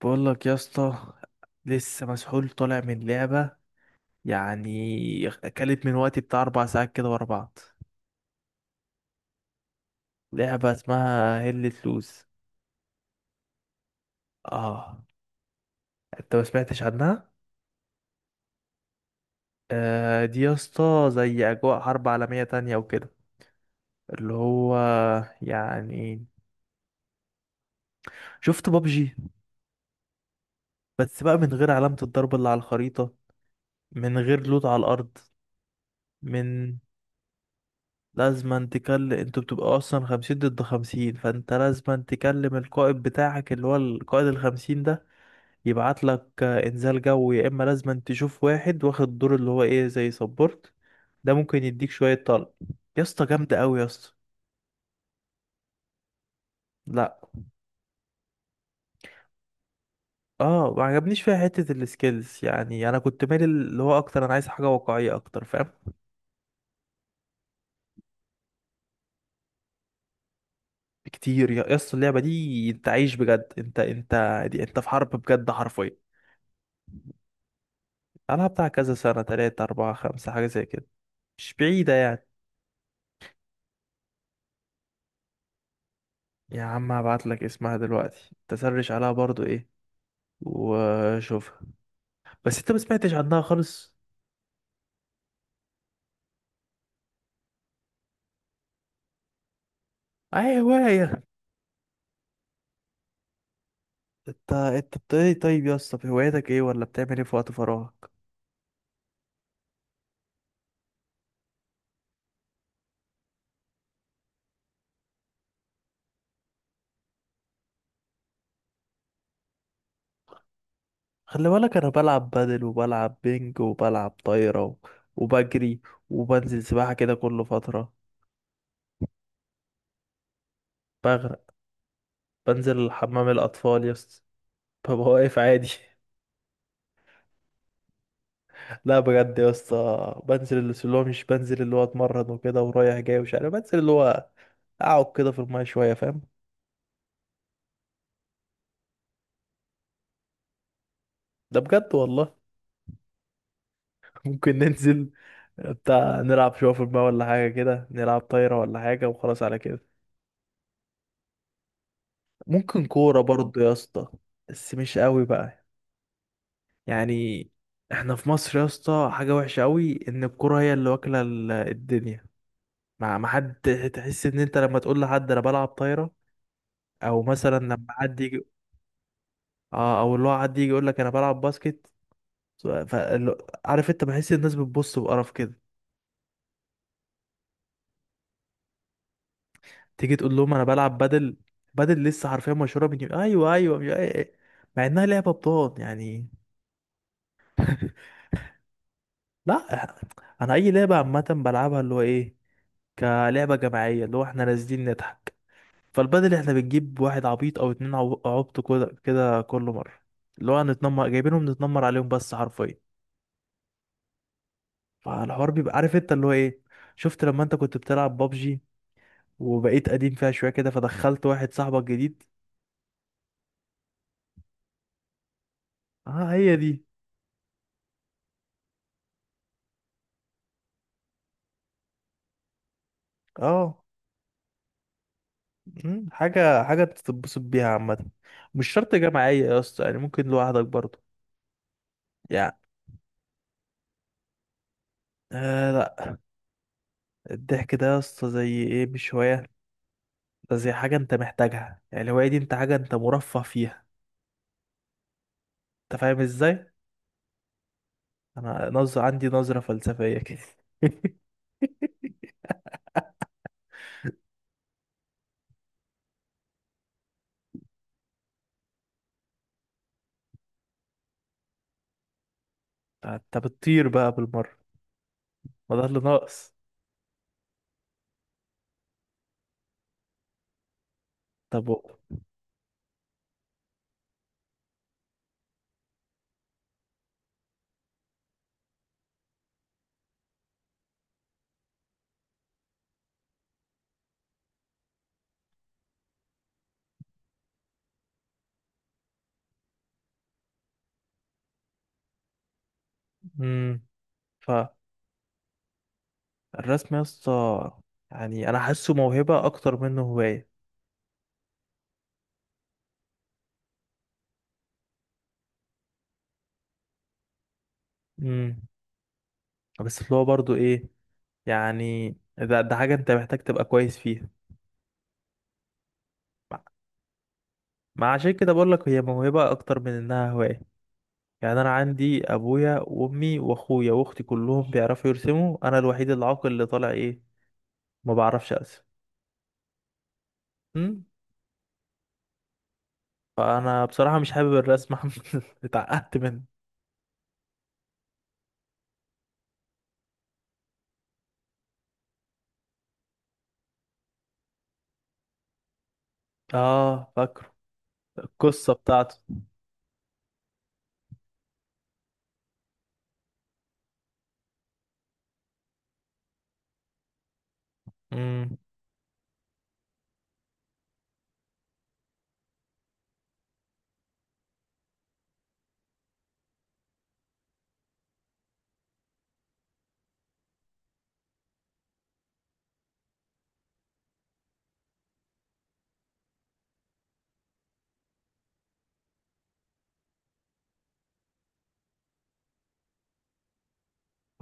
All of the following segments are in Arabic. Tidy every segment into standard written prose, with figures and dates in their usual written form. بقول لك يا اسطى. لسه مسحول طالع من لعبة، يعني اكلت من وقتي بتاع 4 ساعات كده ورا بعض. لعبة اسمها هيلة لوز. اه، انت ما سمعتش عنها. آه، دي يا اسطى زي اجواء حرب عالمية تانية وكده، اللي هو يعني شفت بابجي، بس بقى من غير علامة الضرب اللي على الخريطة، من غير لوت على الارض. من لازم أن تكلم، انتوا بتبقوا اصلا 50 ضد 50، فانت لازم أن تكلم القائد بتاعك اللي هو القائد الخمسين ده، يبعت لك انزال جو، يا اما لازم أن تشوف واحد واخد دور اللي هو ايه زي سبورت، ده ممكن يديك شوية طلب. يا اسطى جامدة قوي يا اسطى. لا. اه، ما عجبنيش فيها حتة السكيلز، يعني انا كنت مالي اللي هو اكتر، انا عايز حاجة واقعية اكتر فاهم. بكتير يا اسطى، اللعبة دي انت عايش بجد، انت. دي انت في حرب بجد حرفيا. ألعب بتاع كذا سنة 3 4 5 حاجة زي كده، مش بعيدة يعني. يا عم هبعت لك اسمها دلوقتي، تسرش عليها برضو ايه وشوفها. بس انت ما سمعتش عنها خالص. اي هواية. انت انت بت- ايه طيب، يا اسطى في هوايتك ايه، ولا بتعمل ايه في وقت فراغك؟ خلي بالك انا بلعب بادل، وبلعب بينج، وبلعب طايرة، وبجري، وبنزل سباحة كده كل فترة. بغرق. بنزل حمام الاطفال يا اسطى. ببقى واقف عادي. لا بجد يا اسطى، بنزل اللي هو، مش، بنزل اللي هو اتمرن وكده ورايح جاي ومش عارف، بنزل اللي هو اقعد كده في المايه شويه فاهم. ده بجد والله. ممكن ننزل بتاع، نلعب شويه في المايه، ولا حاجه كده نلعب طايره ولا حاجه وخلاص على كده. ممكن كوره برضه يا اسطى، بس مش قوي بقى، يعني. احنا في مصر يا اسطى حاجه وحشه قوي ان الكوره هي اللي واكله الدنيا. مع ما حد، تحس ان انت لما تقول لحد انا بلعب طايره، او مثلا لما حد يجي، اه، او اللي هو حد يجي يقول لك انا بلعب باسكت، ف... فال- عارف انت بحس الناس بتبص بقرف كده. تيجي تقول لهم انا بلعب بدل، بدل لسه حرفيا مشهوره من يوم، ايوه ايوه، مع انها لعبه بطال يعني. لا، انا اي لعبه عامه بلعبها اللي هو ايه، كلعبه جماعيه اللي هو احنا نازلين نضحك. فالبدل احنا بنجيب واحد عبيط او اتنين عبط كده كده كل مره، اللي هو هنتنمر، جايبينهم نتنمر عليهم بس حرفيا. فالحوار بيبقى عارف انت اللي هو ايه. شفت لما انت كنت بتلعب بابجي وبقيت قديم فيها شويه كده، فدخلت واحد صاحبك جديد. اه، هي دي. اه، حاجة تتبسط بيها عامة. مش شرط جماعية يا اسطى، يعني ممكن لوحدك برضه. يعني آه لا، الضحك ده يا اسطى زي ايه مش هواية، ده زي حاجة انت محتاجها، يعني الهواية دي انت حاجة انت مرفه فيها. انت فاهم ازاي؟ انا نظر عندي نظرة فلسفية كده. انت بتطير بقى بالمرة. ما ده اللي ناقص. طب. امم. فالرسم يا اسطى، يعني انا حاسه موهبة اكتر منه هواية. امم. بس اللي هو برضه ايه، يعني ده حاجة انت محتاج تبقى كويس فيها. مع مع عشان كده بقول لك هي موهبة اكتر من انها هواية، يعني انا عندي ابويا وامي واخويا واختي كلهم بيعرفوا يرسموا، انا الوحيد العاقل اللي طالع ايه، ما بعرفش ارسم. أمم. فانا بصراحة مش حابب الرسم، اتعقدت منه. اه، فاكره القصة بتاعته. امم.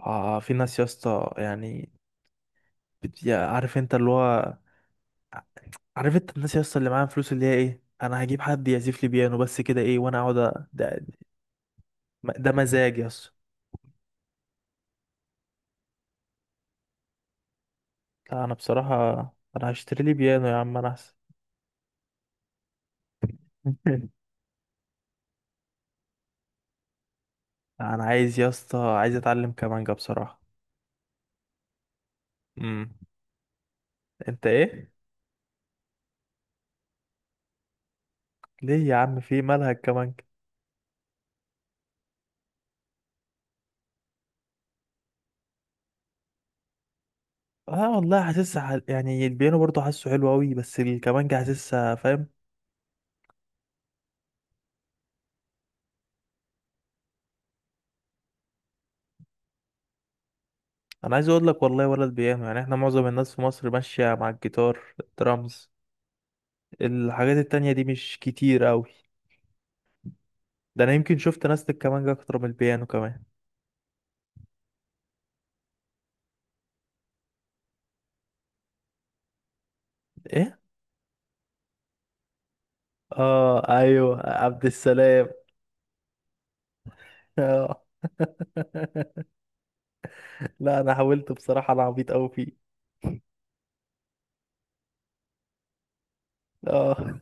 اه، في ناس يا اسطى، يعني عارف انت اللي هو، عارف انت الناس يا اسطى اللي معاها فلوس، اللي هي ايه، انا هجيب حد يعزف لي بيانو بس كده ايه وانا اقعد. ده مزاج يا اسطى. لا انا بصراحه، انا هشتري لي بيانو يا عم انا احسن. انا عايز يا اسطى، عايز اتعلم كمانجا بصراحه. امم. انت ايه؟ ليه يا عم، في مالها الكمانجا؟ اه والله حاسسها يعني البيانو برضه حاسه حلو قوي، بس الكمانجا حاسسها فاهم. انا عايز اقول لك والله، ولا البيانو يعني، احنا معظم الناس في مصر ماشيه مع الجيتار الدرامز، الحاجات التانية دي مش كتير قوي. ده انا يمكن شفت ناس الكمانجا اكتر من البيانو كمان. ايه؟ اه ايوه، عبد السلام. اه. لا انا حاولت بصراحه، انا عبيط قوي فيه. اه.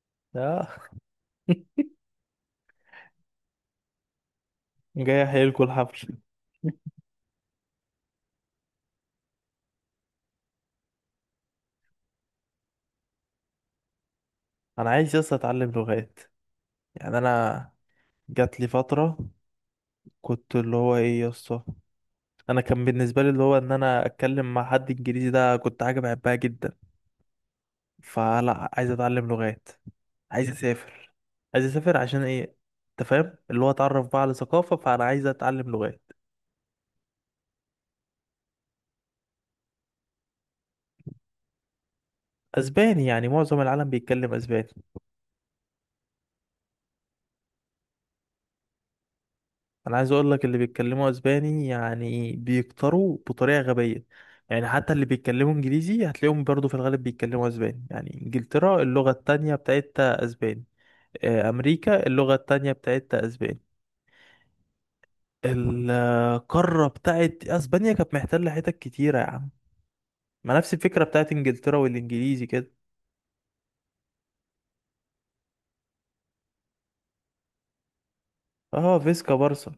اه، جاي احيلكوا الحفل. انا عايز يس اتعلم لغات، يعني انا جات لي فتره كنت اللي هو ايه يس، انا كان بالنسبه لي اللي هو ان انا اتكلم مع حد انجليزي، ده كنت حاجه بحبها جدا. فلا، عايز اتعلم لغات، عايز اسافر. عايز اسافر عشان ايه؟ انت فاهم، اللي هو اتعرف بقى على ثقافه، فانا عايز اتعلم لغات. اسباني، يعني معظم العالم بيتكلم اسباني. انا عايز اقول لك، اللي بيتكلموا اسباني يعني بيكتروا بطريقه غبيه، يعني حتى اللي بيتكلموا انجليزي هتلاقيهم برضو في الغالب بيتكلموا اسباني، يعني انجلترا اللغه التانية بتاعتها اسباني، امريكا اللغه التانية بتاعتها اسباني. القاره بتاعت اسبانيا كانت محتله حتت كتيره يا عم، ما نفس الفكره بتاعت انجلترا والانجليزي كده. اه، فيسكا بارسا.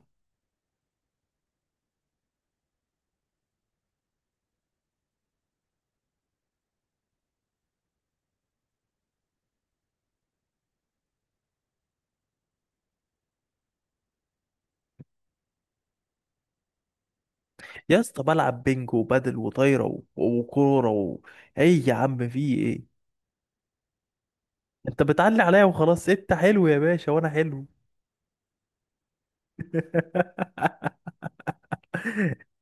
يا اسطى بلعب بينج وبادل وطايره وكوره ايه يا عم في ايه؟ انت بتعلي عليا وخلاص، انت حلو يا باشا وانا حلو.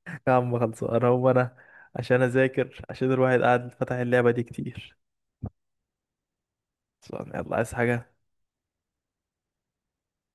يا عم خلصوا، انا هو انا عشان اذاكر، عشان الواحد قاعد فتح اللعبة دي كتير. خلصان، يلا عايز حاجة.